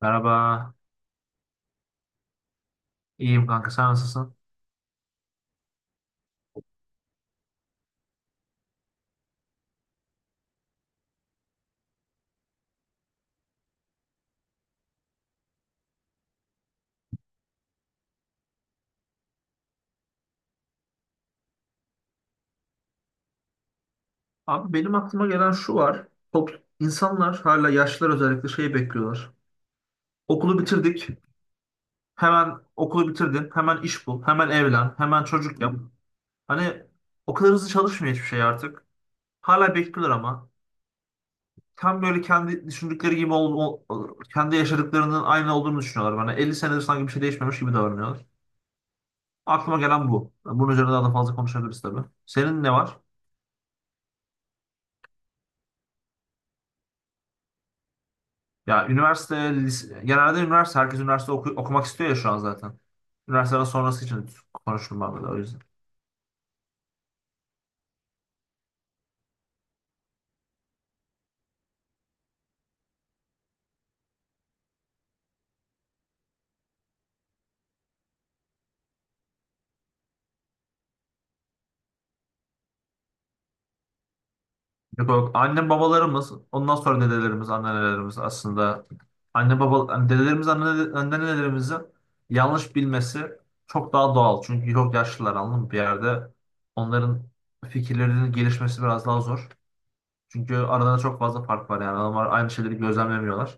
Merhaba. İyiyim kanka sen nasılsın? Abi benim aklıma gelen şu var. İnsanlar hala yaşlılar özellikle şey bekliyorlar. Okulu bitirdik. Hemen okulu bitirdin. Hemen iş bul. Hemen evlen. Hemen çocuk yap. Hani o kadar hızlı çalışmıyor hiçbir şey artık. Hala bekliyorlar ama. Tam böyle kendi düşündükleri gibi kendi yaşadıklarının aynı olduğunu düşünüyorlar bana. 50 senedir sanki bir şey değişmemiş gibi davranıyorlar. Aklıma gelen bu. Bunun üzerine daha da fazla konuşabiliriz tabii. Senin ne var? Ya üniversite, genelde üniversite, herkes üniversite okumak istiyor ya şu an zaten. Üniversiteden sonrası için konuştum ben böyle o yüzden. Yok, yok. Annem babalarımız, ondan sonra dedelerimiz, anneannelerimiz aslında anne baba hani dedelerimiz, anne, annenelerimizin yanlış bilmesi çok daha doğal. Çünkü çok yaşlılar anladın mı? Bir yerde onların fikirlerinin gelişmesi biraz daha zor. Çünkü arada çok fazla fark var yani. Adamlar aynı şeyleri gözlemlemiyorlar.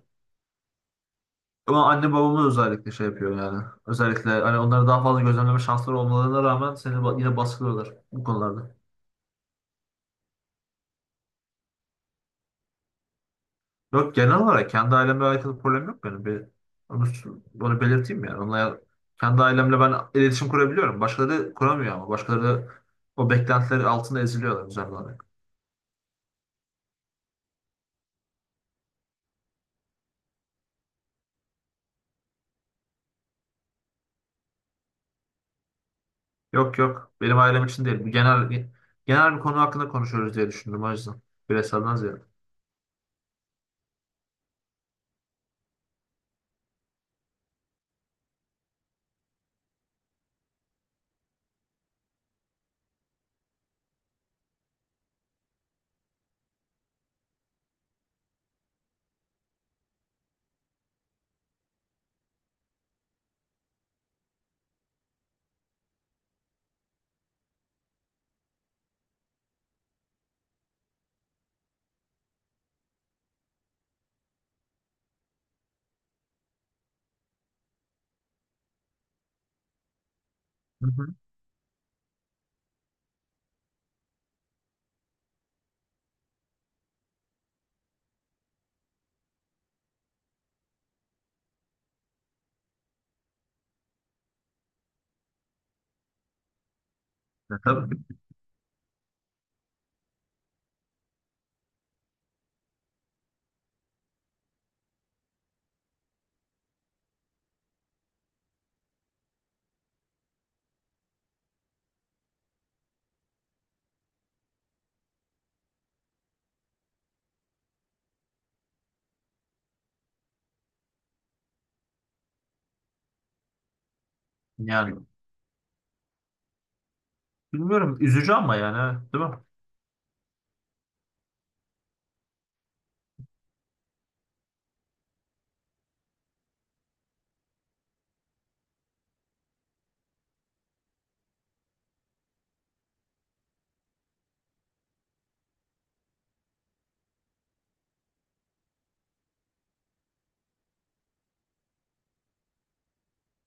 Ama anne babamız özellikle şey yapıyor yani. Özellikle hani onları daha fazla gözlemleme şansları olmalarına rağmen seni yine baskılıyorlar bu konularda. Yok genel olarak kendi ailemle alakalı problem yok benim. Bir, onu, onu belirteyim yani. Onlar, kendi ailemle ben iletişim kurabiliyorum. Başkaları kuramıyor ama. Başkaları o beklentileri altında eziliyorlar güzel olarak. Yok yok benim ailem için değil. Bu genel bir konu hakkında konuşuyoruz diye düşündüm o yüzden. Bireyselden ziyade. Hı hı. Tabii yani bilmiyorum üzücü ama yani evet, değil mi?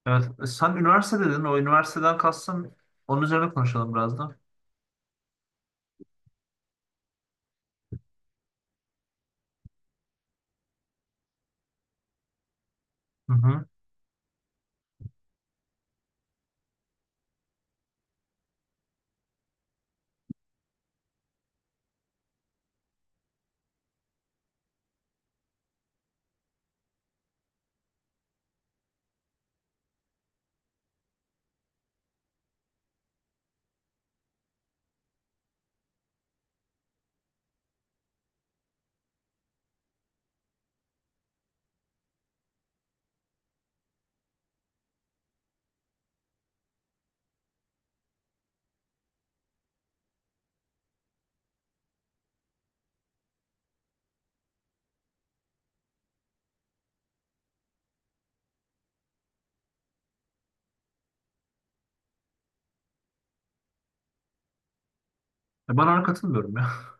Evet. Sen üniversite dedin. O üniversiteden kastın onun üzerine konuşalım biraz da. Hı hı. Ben ona katılmıyorum ya.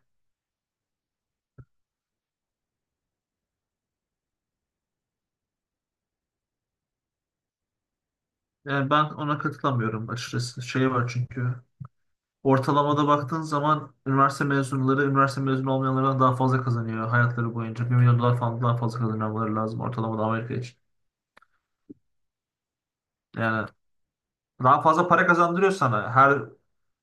Yani ben ona katılamıyorum açıkçası. Şey var çünkü. Ortalamada baktığın zaman üniversite mezunları üniversite mezunu olmayanlardan daha fazla kazanıyor hayatları boyunca. 1 milyon dolar falan daha fazla kazanmaları lazım ortalamada Amerika için. Yani daha fazla para kazandırıyor sana. Her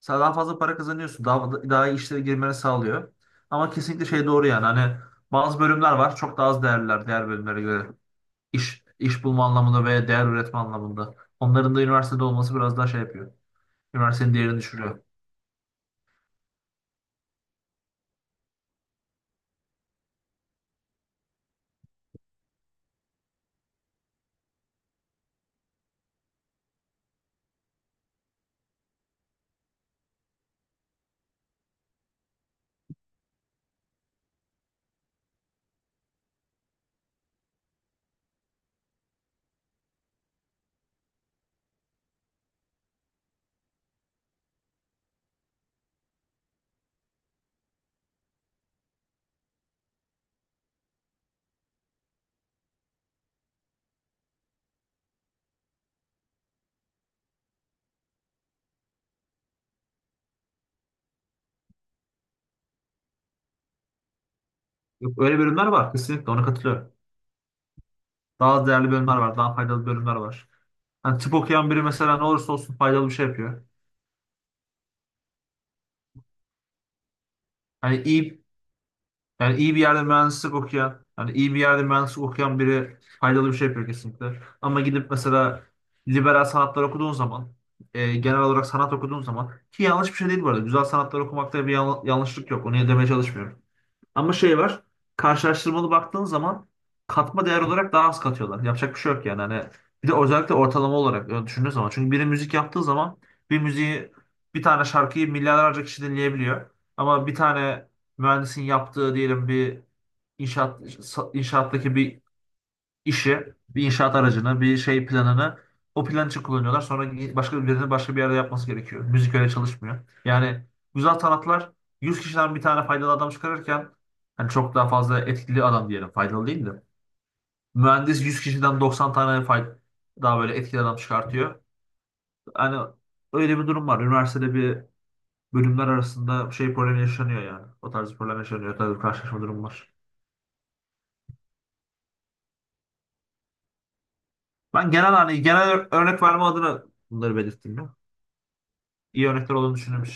sen daha fazla para kazanıyorsun. Daha iyi işlere girmeni sağlıyor. Ama kesinlikle şey doğru yani. Hani bazı bölümler var. Çok daha az değerliler diğer bölümlere göre. İş iş bulma anlamında veya değer üretme anlamında. Onların da üniversitede olması biraz daha şey yapıyor. Üniversitenin değerini düşürüyor. Yok, öyle bölümler var kesinlikle ona katılıyorum. Daha az değerli bölümler var, daha faydalı bölümler var. Hani tıp okuyan biri mesela ne olursa olsun faydalı bir şey yapıyor. Hani iyi Yani iyi bir yerde mühendislik okuyan, hani iyi bir yerde mühendislik okuyan biri faydalı bir şey yapıyor kesinlikle. Ama gidip mesela liberal sanatlar okuduğun zaman, genel olarak sanat okuduğun zaman ki yanlış bir şey değil bu arada. Güzel sanatlar okumakta bir yanlışlık yok. Onu demeye çalışmıyorum. Ama şey var. Karşılaştırmalı baktığın zaman katma değer olarak daha az katıyorlar. Yapacak bir şey yok yani. Hani bir de özellikle ortalama olarak öyle düşündüğün zaman. Çünkü biri müzik yaptığı zaman bir müziği bir tane şarkıyı milyarlarca kişi dinleyebiliyor. Ama bir tane mühendisin yaptığı diyelim bir inşaat inşaattaki bir işi, bir inşaat aracını, bir şey planını o plan için kullanıyorlar. Sonra başka birilerinin başka bir yerde yapması gerekiyor. Müzik öyle çalışmıyor. Yani güzel sanatlar 100 kişiden bir tane faydalı adam çıkarırken hani çok daha fazla etkili adam diyelim faydalı değil de. Mühendis 100 kişiden 90 tane daha böyle etkili adam çıkartıyor. Hani öyle bir durum var. Üniversitede bir bölümler arasında şey problemi yaşanıyor yani. O tarz bir problem yaşanıyor. O tarz bir karşılaşma durum var. Ben genel hani genel örnek verme adına bunları belirttim ya. İyi örnekler olduğunu düşünüyorum.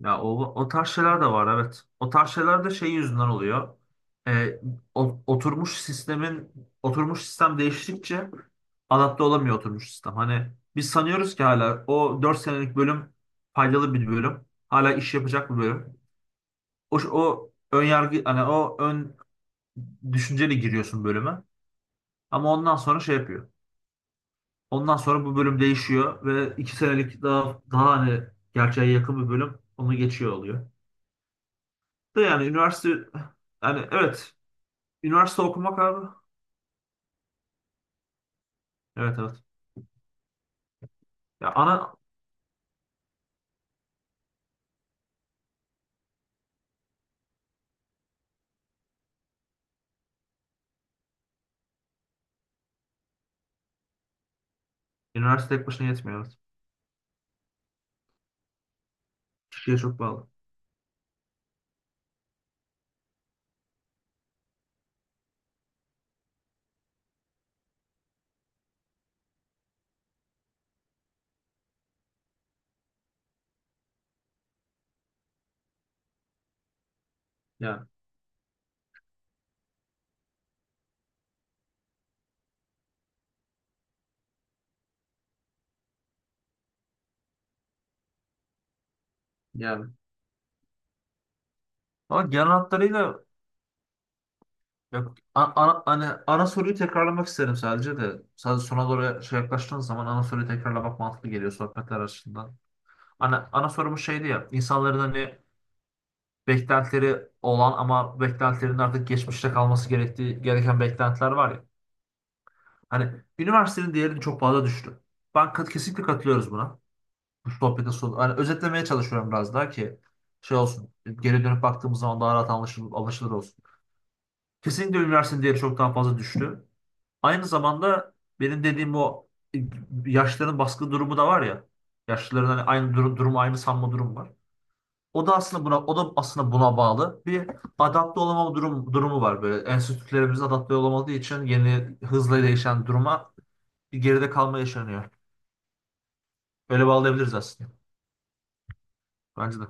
Ya o, o tarz şeyler de var evet. O tarz şeyler de şey yüzünden oluyor. Ee, oturmuş sistemin oturmuş sistem değiştikçe adapte olamıyor oturmuş sistem. Hani biz sanıyoruz ki hala o 4 senelik bölüm faydalı bir bölüm. Hala iş yapacak bir bölüm. O, o ön yargı hani o ön düşünceyle giriyorsun bölüme. Ama ondan sonra şey yapıyor. Ondan sonra bu bölüm değişiyor ve 2 senelik daha hani gerçeğe yakın bir bölüm onu geçiyor oluyor. De yani üniversite Yani evet üniversite okumak abi. Evet evet. Ya ana Üniversite tek başına yetmiyor. Evet. Türkiye çok bağlı. Yani yani. Ama genel hatlarıyla ya, ana, hani ana soruyu tekrarlamak isterim sadece de. Sadece sona doğru şey yaklaştığın zaman ana soruyu tekrarlamak mantıklı geliyor sohbetler açısından. Ana sorumuz şeydi ya insanların hani beklentileri olan ama beklentilerin artık geçmişte kalması gerektiği gereken beklentiler var ya. Hani üniversitenin değerini çok fazla düştü. Ben kesinlikle katılıyoruz buna. Bu sohbetin sonu. Hani özetlemeye çalışıyorum biraz daha ki şey olsun. Geri dönüp baktığımız zaman daha rahat anlaşılır olsun. Kesinlikle üniversitenin değeri çok daha fazla düştü. Aynı zamanda benim dediğim o e, yaşlıların baskı durumu da var ya. Yaşlıların hani aynı durumu aynı sanma durum var. O da aslında buna bağlı. Bir adapte olamama durumu var böyle. Enstitülerimiz adapte olamadığı için yeni hızla değişen duruma bir geride kalma yaşanıyor. Öyle bağlayabiliriz aslında. Bence de.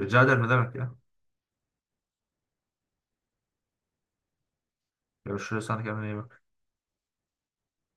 Rica ederim ne demek ya. Görüşürüz. Sen de kendine iyi bak.